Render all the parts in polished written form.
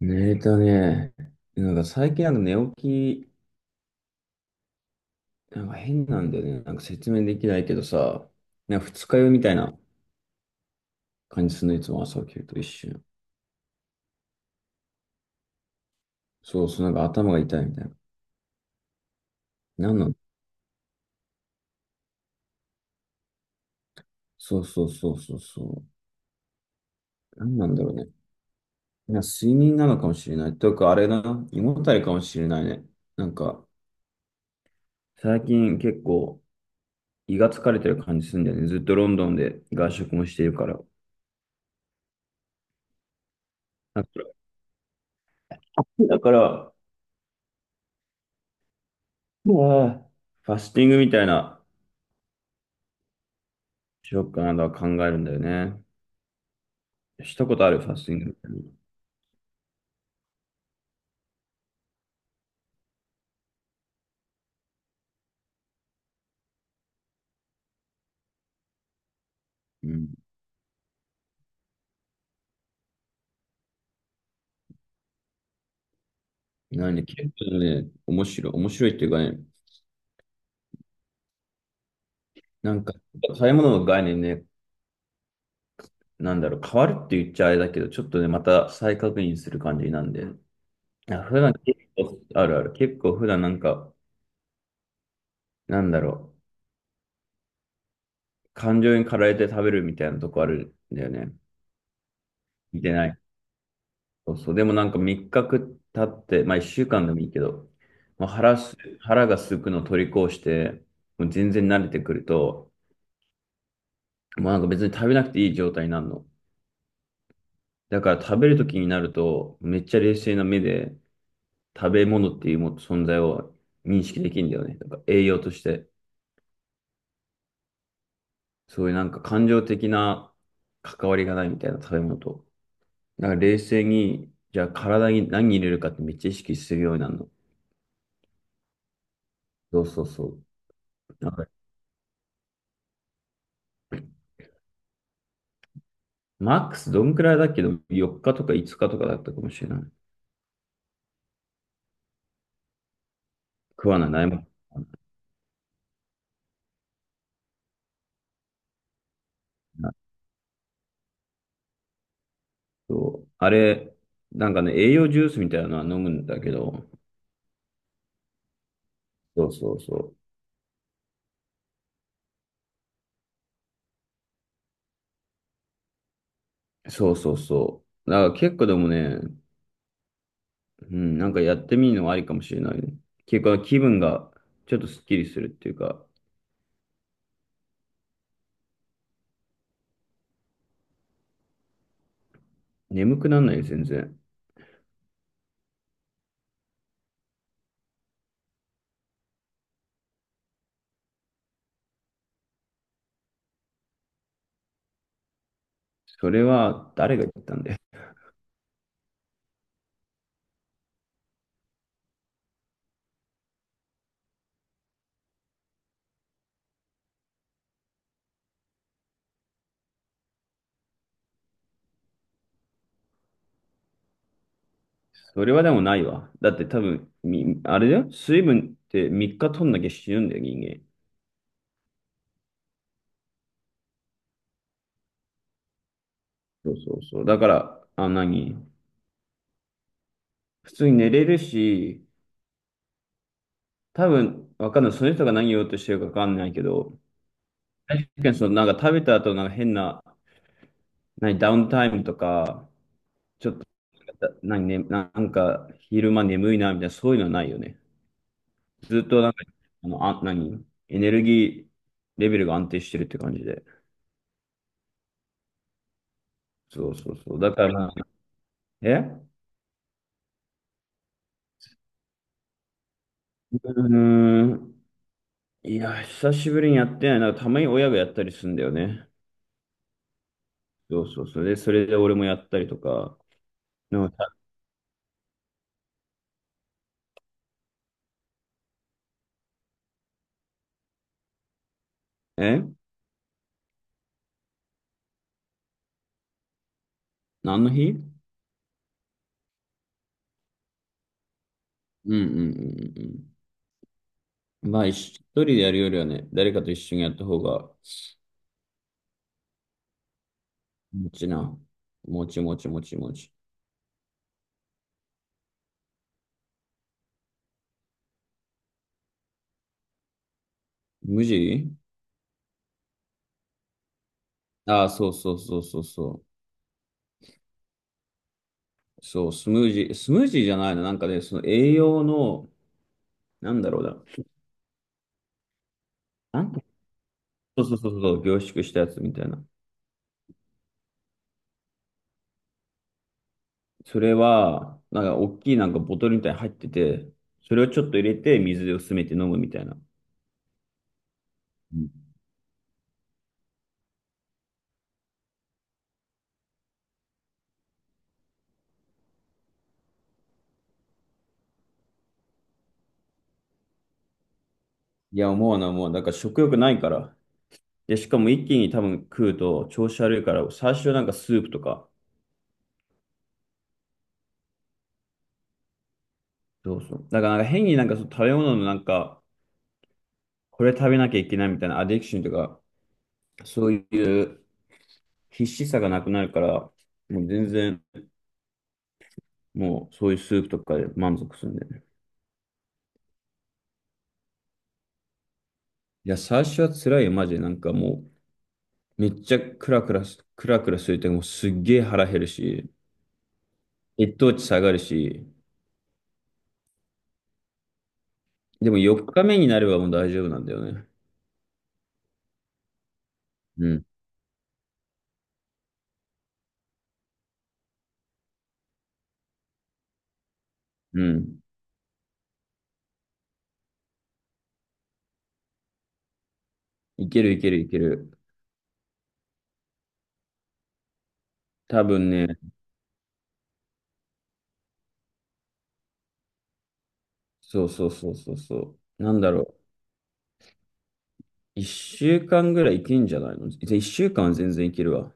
寝たね。なんか最近なんか寝起き、なんか変なんだよね。なんか説明できないけどさ、なんか二日酔いみたいな感じするの、いつも朝起きると一瞬。そうそう、なんか頭が痛いみたいな。なんなんそうそうそうそうそう。なんなんだろうね。なんか睡眠なのかもしれない。というかあれだな、胃もたれかもしれないね。なんか最近結構胃が疲れてる感じするんだよね。ずっとロンドンで外食もしてるから。だかだから、うわぁ、ファスティングみたいな。しようかなとは考えるんだよね。したことある、ファスティング？うん。なんで、結構ね、面白い、面白いっていうかね、なんか、食べ物の概念ね、なんだろう、変わるって言っちゃあれだけど、ちょっとね、また再確認する感じなんで、いや普段結構、あるある、結構普段なんか、なんだろう、感情に駆られて食べるみたいなとこあるんだよね。見てない。そうそう。でもなんか3日経って、まあ1週間でもいいけど、まあ、腹が空くのを取り越して、もう全然慣れてくると、もうなんか別に食べなくていい状態になるの。だから食べるときになると、めっちゃ冷静な目で食べ物っていうも存在を認識できるんだよね。だから栄養として、そういうなんか感情的な関わりがないみたいな食べ物と。だから冷静に、じゃあ体に何入れるかってめっちゃ意識するようになるの。そうそうそう。なんかマックスどんくらいだっけど、4日とか5日とかだったかもしれない。食わない、ないもん。あとあれ、なんかね、栄養ジュースみたいなのは飲むんだけど、そうそうそう。そうそうそう。だから結構でもね、うん、なんかやってみるのはありかもしれないね。結構気分がちょっとスッキリするっていうか、眠くならないよ、全然。それは誰が言ったんだよ。それはでもないわ。だって多分、あれだよ。水分って3日取んなきゃ死ぬんだよ、人間。そうそうそう。だから、あ、何普通に寝れるし、多分、わかんない。その人が何言おうとしてるかわかんないけど、確かにその、なんか食べた後、なんか変な、何、ダウンタイムとか、ちょっと、何、ね、なんか、昼間眠いな、みたいな、そういうのはないよね。ずっと、なんか、あの、あ、何エネルギーレベルが安定してるって感じで。そうそうそう。だからまあ、えうーん。いや、久しぶりにやってないな。たまに親がやったりするんだよね。そうそうそう。で、それで俺もやったりとか。でもたえ？何の日？うんうんうんうん。まあ、一人でやるよりはね、誰かと一緒にやった方が、もちな。もちもちもちもち。無地。ああ、そうそうそうそうそう。そう、スムージー、スムージーじゃないの。なんかね、その栄養の、なんだろうな。なんか、そうそうそうそう、凝縮したやつみたいな。それは、なんか、大きいなんかボトルみたいに入ってて、それをちょっと入れて、水で薄めて飲むみたいな。いや、思うな、もう、なんから食欲ないから。で、しかも一気に多分食うと調子悪いから、最初なんかスープとか、そうそう。だからなんか変になんかその食べ物のなんか、これ食べなきゃいけないみたいなアディクションとか、そういう必死さがなくなるから、もう全然、もうそういうスープとかで満足するんだよね。いや、最初は辛いよ、マジで。なんかもう、めっちゃクラクラすると、もうすっげえ腹減るし、血糖値下がるし、でも4日目になればもう大丈夫なんだよね。うん。うん。いけるいけるいける。多分ね、そうそうそうそうそう。なんだろう。一週間ぐらいいけんじゃないのぜ？一週間は全然いけるわ。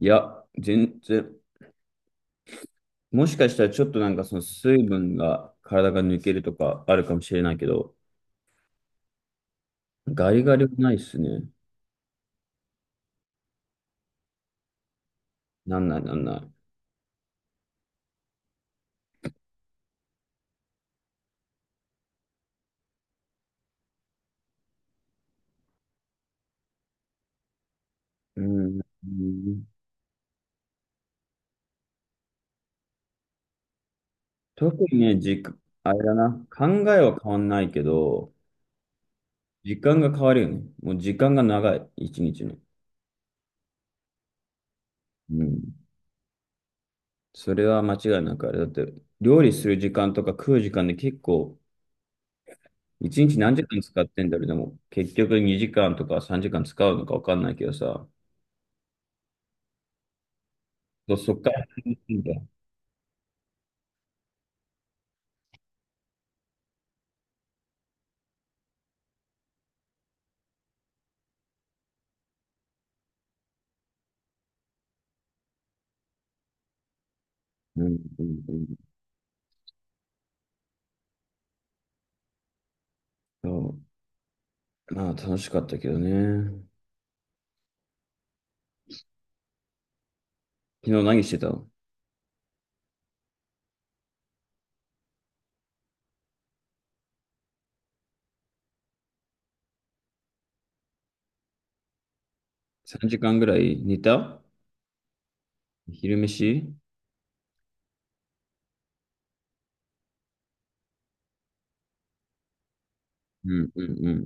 いや、全然。もしかしたらちょっとなんかその水分が体が抜けるとかあるかもしれないけど、ガリガリはないっすね。なんないなんない。うん。うん。特にね、時間、あれだな。考えは変わんないけど、時間が変わるよね。もう時間が長い。一日の。うん。それは間違いなくあれだって、料理する時間とか食う時間で結構、一日何時間使ってんだろう、でも、結局2時間とか3時間使うのか分かんないけどさ、そっから始めてんだよ、うんうんうん。そう、まあ楽しかったけどね。昨日何してたの ?3 時間ぐらい寝た？昼飯。うんうんう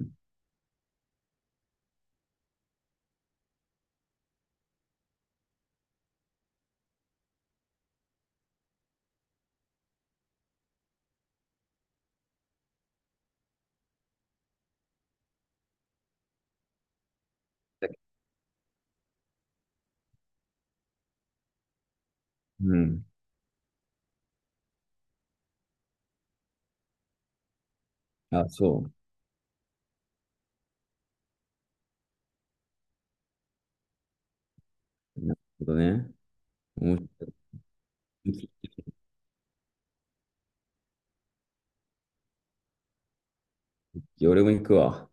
ん。うん。あ、そう。なるほどね。面白い。俺も行くわ。